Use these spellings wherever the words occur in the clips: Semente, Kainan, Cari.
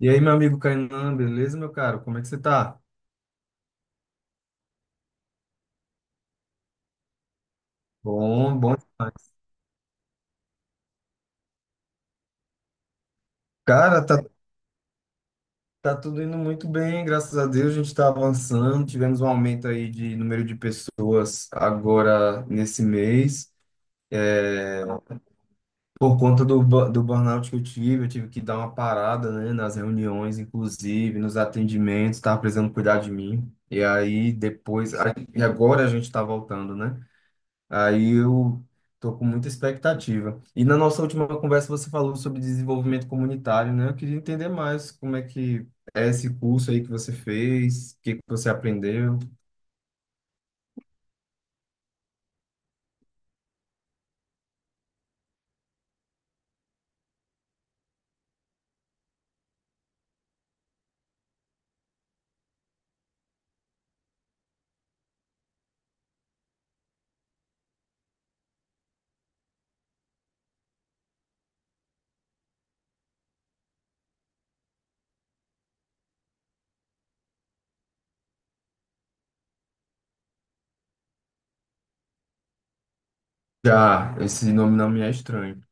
E aí, meu amigo Kainan, beleza, meu caro? Como é que você tá? Bom, bom demais. Cara, tá, tá tudo indo muito bem, graças a Deus, a gente tá avançando, tivemos um aumento aí de número de pessoas agora nesse mês, por conta do, do burnout que eu tive que dar uma parada, né, nas reuniões, inclusive, nos atendimentos, tava precisando cuidar de mim, e aí depois, aí agora a gente tá voltando, né? Aí eu tô com muita expectativa. E na nossa última conversa você falou sobre desenvolvimento comunitário, né? Eu queria entender mais como é que é esse curso aí que você fez, o que que você aprendeu. Já, esse nome não me é estranho.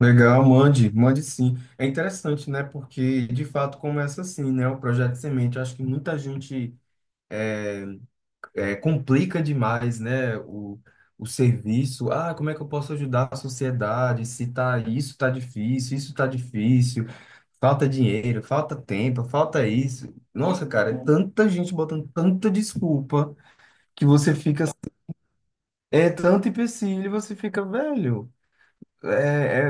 Legal, mande, mande sim. É interessante, né? Porque de fato começa assim, né? O projeto Semente. Eu acho que muita gente complica demais, né, o serviço. Ah, como é que eu posso ajudar a sociedade? Se tá, isso tá difícil, falta dinheiro, falta tempo, falta isso. Nossa, cara, é tanta gente botando tanta desculpa que você fica. É tanto empecilho, e você fica velho. É,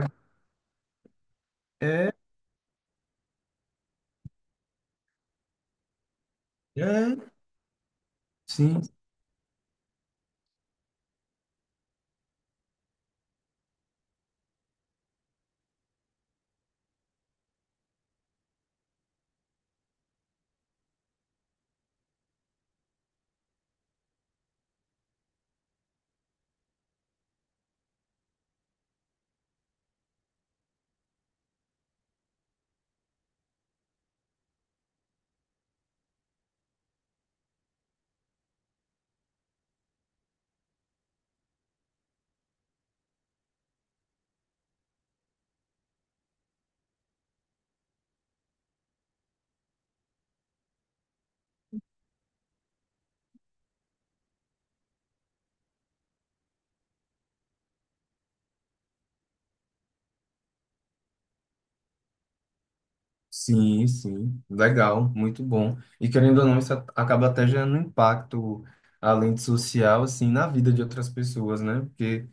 é, é, sim, sim. Sim, Legal, muito bom. E querendo ou não, acaba até gerando um impacto, além de social, assim, na vida de outras pessoas, né? Porque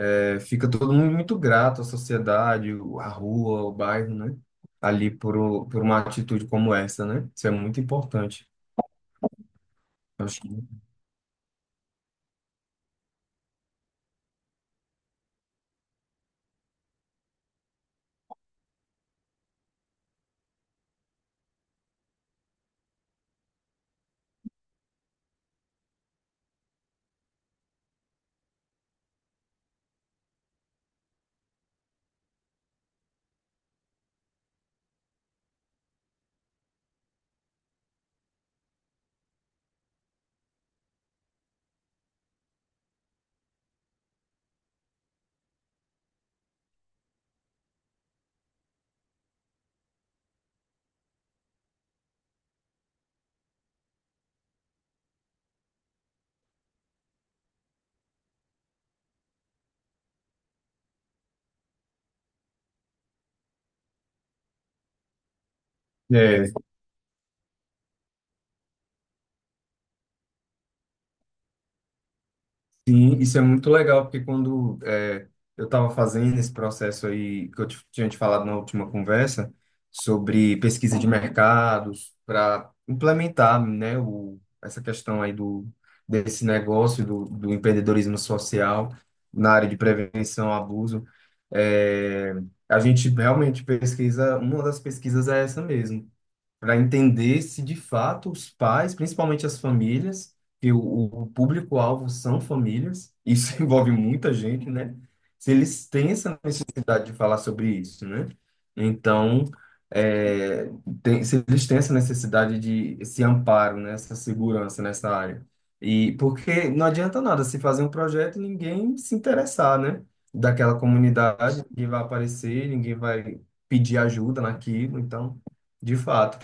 fica todo mundo muito grato à sociedade, a rua, o bairro, né? Ali por uma atitude como essa, né? Isso é muito importante. Acho que. É. Sim, isso é muito legal, porque eu estava fazendo esse processo aí, que tinha te falado na última conversa, sobre pesquisa de mercados, para implementar, né, essa questão aí do, desse negócio do, do empreendedorismo social na área de prevenção ao abuso, é, a gente realmente pesquisa, uma das pesquisas é essa mesmo para entender se de fato os pais, principalmente as famílias, que o público-alvo são famílias, isso envolve muita gente, né? Se eles têm essa necessidade de falar sobre isso, né? Então, é, se eles têm essa necessidade de esse amparo, né? Essa segurança nessa área. E porque não adianta nada se fazer um projeto e ninguém se interessar, né? Daquela comunidade, ninguém vai aparecer, ninguém vai pedir ajuda naquilo, então, de fato.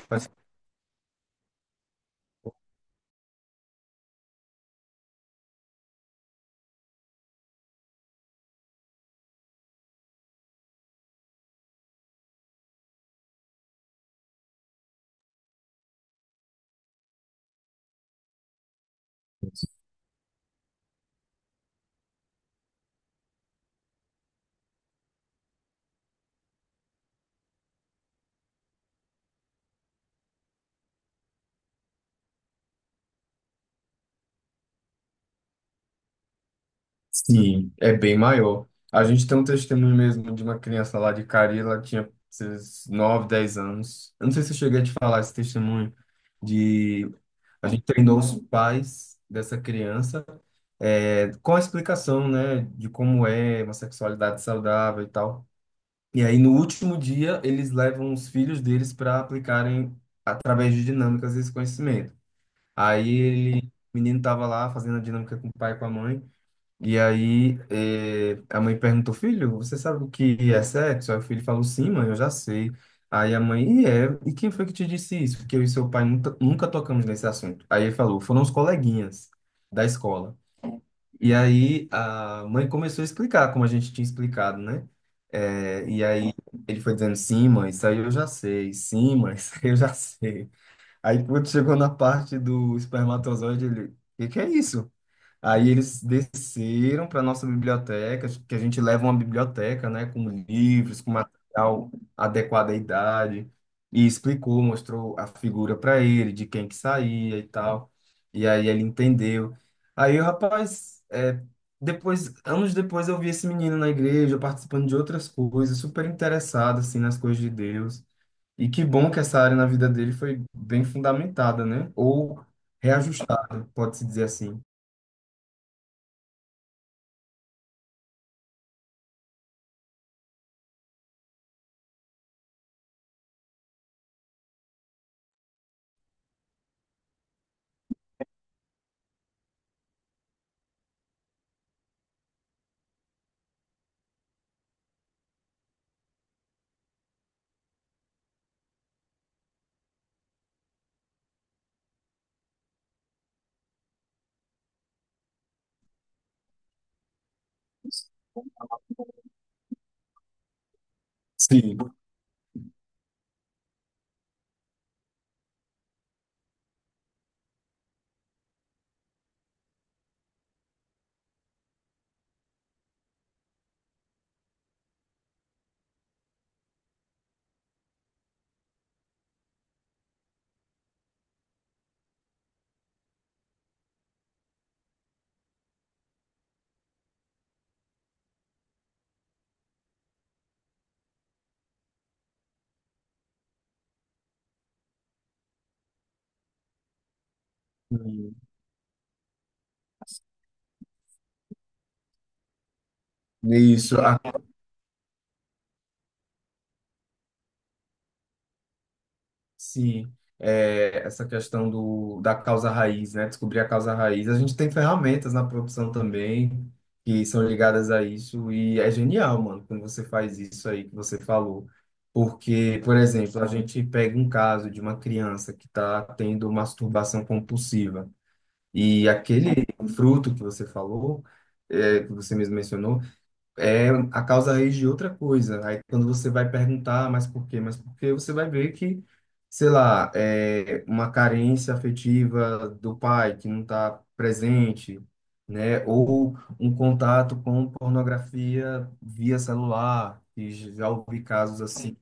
Sim, é bem maior. A gente tem um testemunho mesmo de uma criança lá de Cari, ela tinha esses 9 10 anos. Eu não sei se eu cheguei a te falar esse testemunho de a gente treinou os pais dessa criança com a explicação, né, de como é uma sexualidade saudável e tal. E aí no último dia eles levam os filhos deles para aplicarem através de dinâmicas esse conhecimento. Aí ele, o menino tava lá fazendo a dinâmica com o pai e com a mãe. E aí a mãe perguntou, filho, você sabe o que é sexo? Aí o filho falou, sim, mãe, eu já sei. Aí a mãe, e é, e quem foi que te disse isso? Porque eu e seu pai nunca, nunca tocamos nesse assunto. Aí ele falou, foram os coleguinhas da escola. E aí a mãe começou a explicar, como a gente tinha explicado, né? E aí ele foi dizendo, sim, mãe, isso aí eu já sei, sim, mãe, isso aí eu já sei. Aí quando chegou na parte do espermatozoide, ele, o que que é isso? Aí eles desceram para nossa biblioteca, que a gente leva uma biblioteca, né, com livros, com material adequado à idade, e explicou, mostrou a figura para ele, de quem que saía e tal. E aí ele entendeu. Aí o rapaz, depois, anos depois eu vi esse menino na igreja participando de outras coisas, super interessado assim nas coisas de Deus. E que bom que essa área na vida dele foi bem fundamentada, né? Ou reajustada, pode-se dizer assim. Sim. Sim, isso. A. Sim, essa questão do, da causa raiz, né? Descobrir a causa raiz. A gente tem ferramentas na produção também que são ligadas a isso e é genial, mano, quando você faz isso aí que você falou. Porque, por exemplo, a gente pega um caso de uma criança que está tendo masturbação compulsiva e aquele fruto que você falou, que você mesmo mencionou, é a causa raiz de outra coisa. Aí quando você vai perguntar, "Ah, mas por quê? Mas por quê?" Você vai ver que, sei lá, é uma carência afetiva do pai que não está presente, né? Ou um contato com pornografia via celular, que já ouvi casos assim,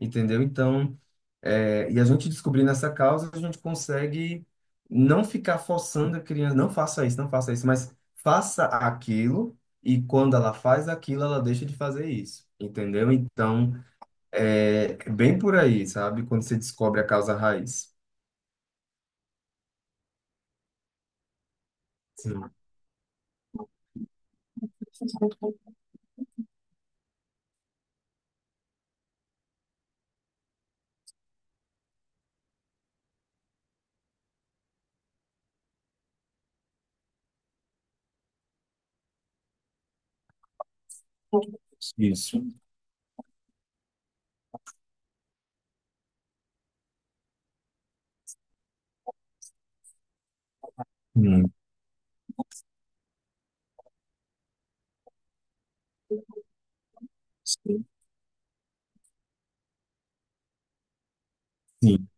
entendeu? Então e a gente descobrindo essa causa, a gente consegue não ficar forçando a criança, não faça isso, não faça isso, mas faça aquilo, e quando ela faz aquilo, ela deixa de fazer isso, entendeu? Então, é é bem por aí, sabe? Quando você descobre a causa raiz. Sim, isso. Hum. Sim. Sim.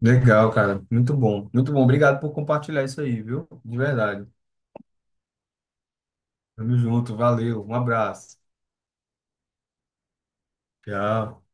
Legal, cara. Muito bom. Muito bom. Obrigado por compartilhar isso aí, viu? De verdade. Tamo junto. Valeu. Um abraço. Tchau.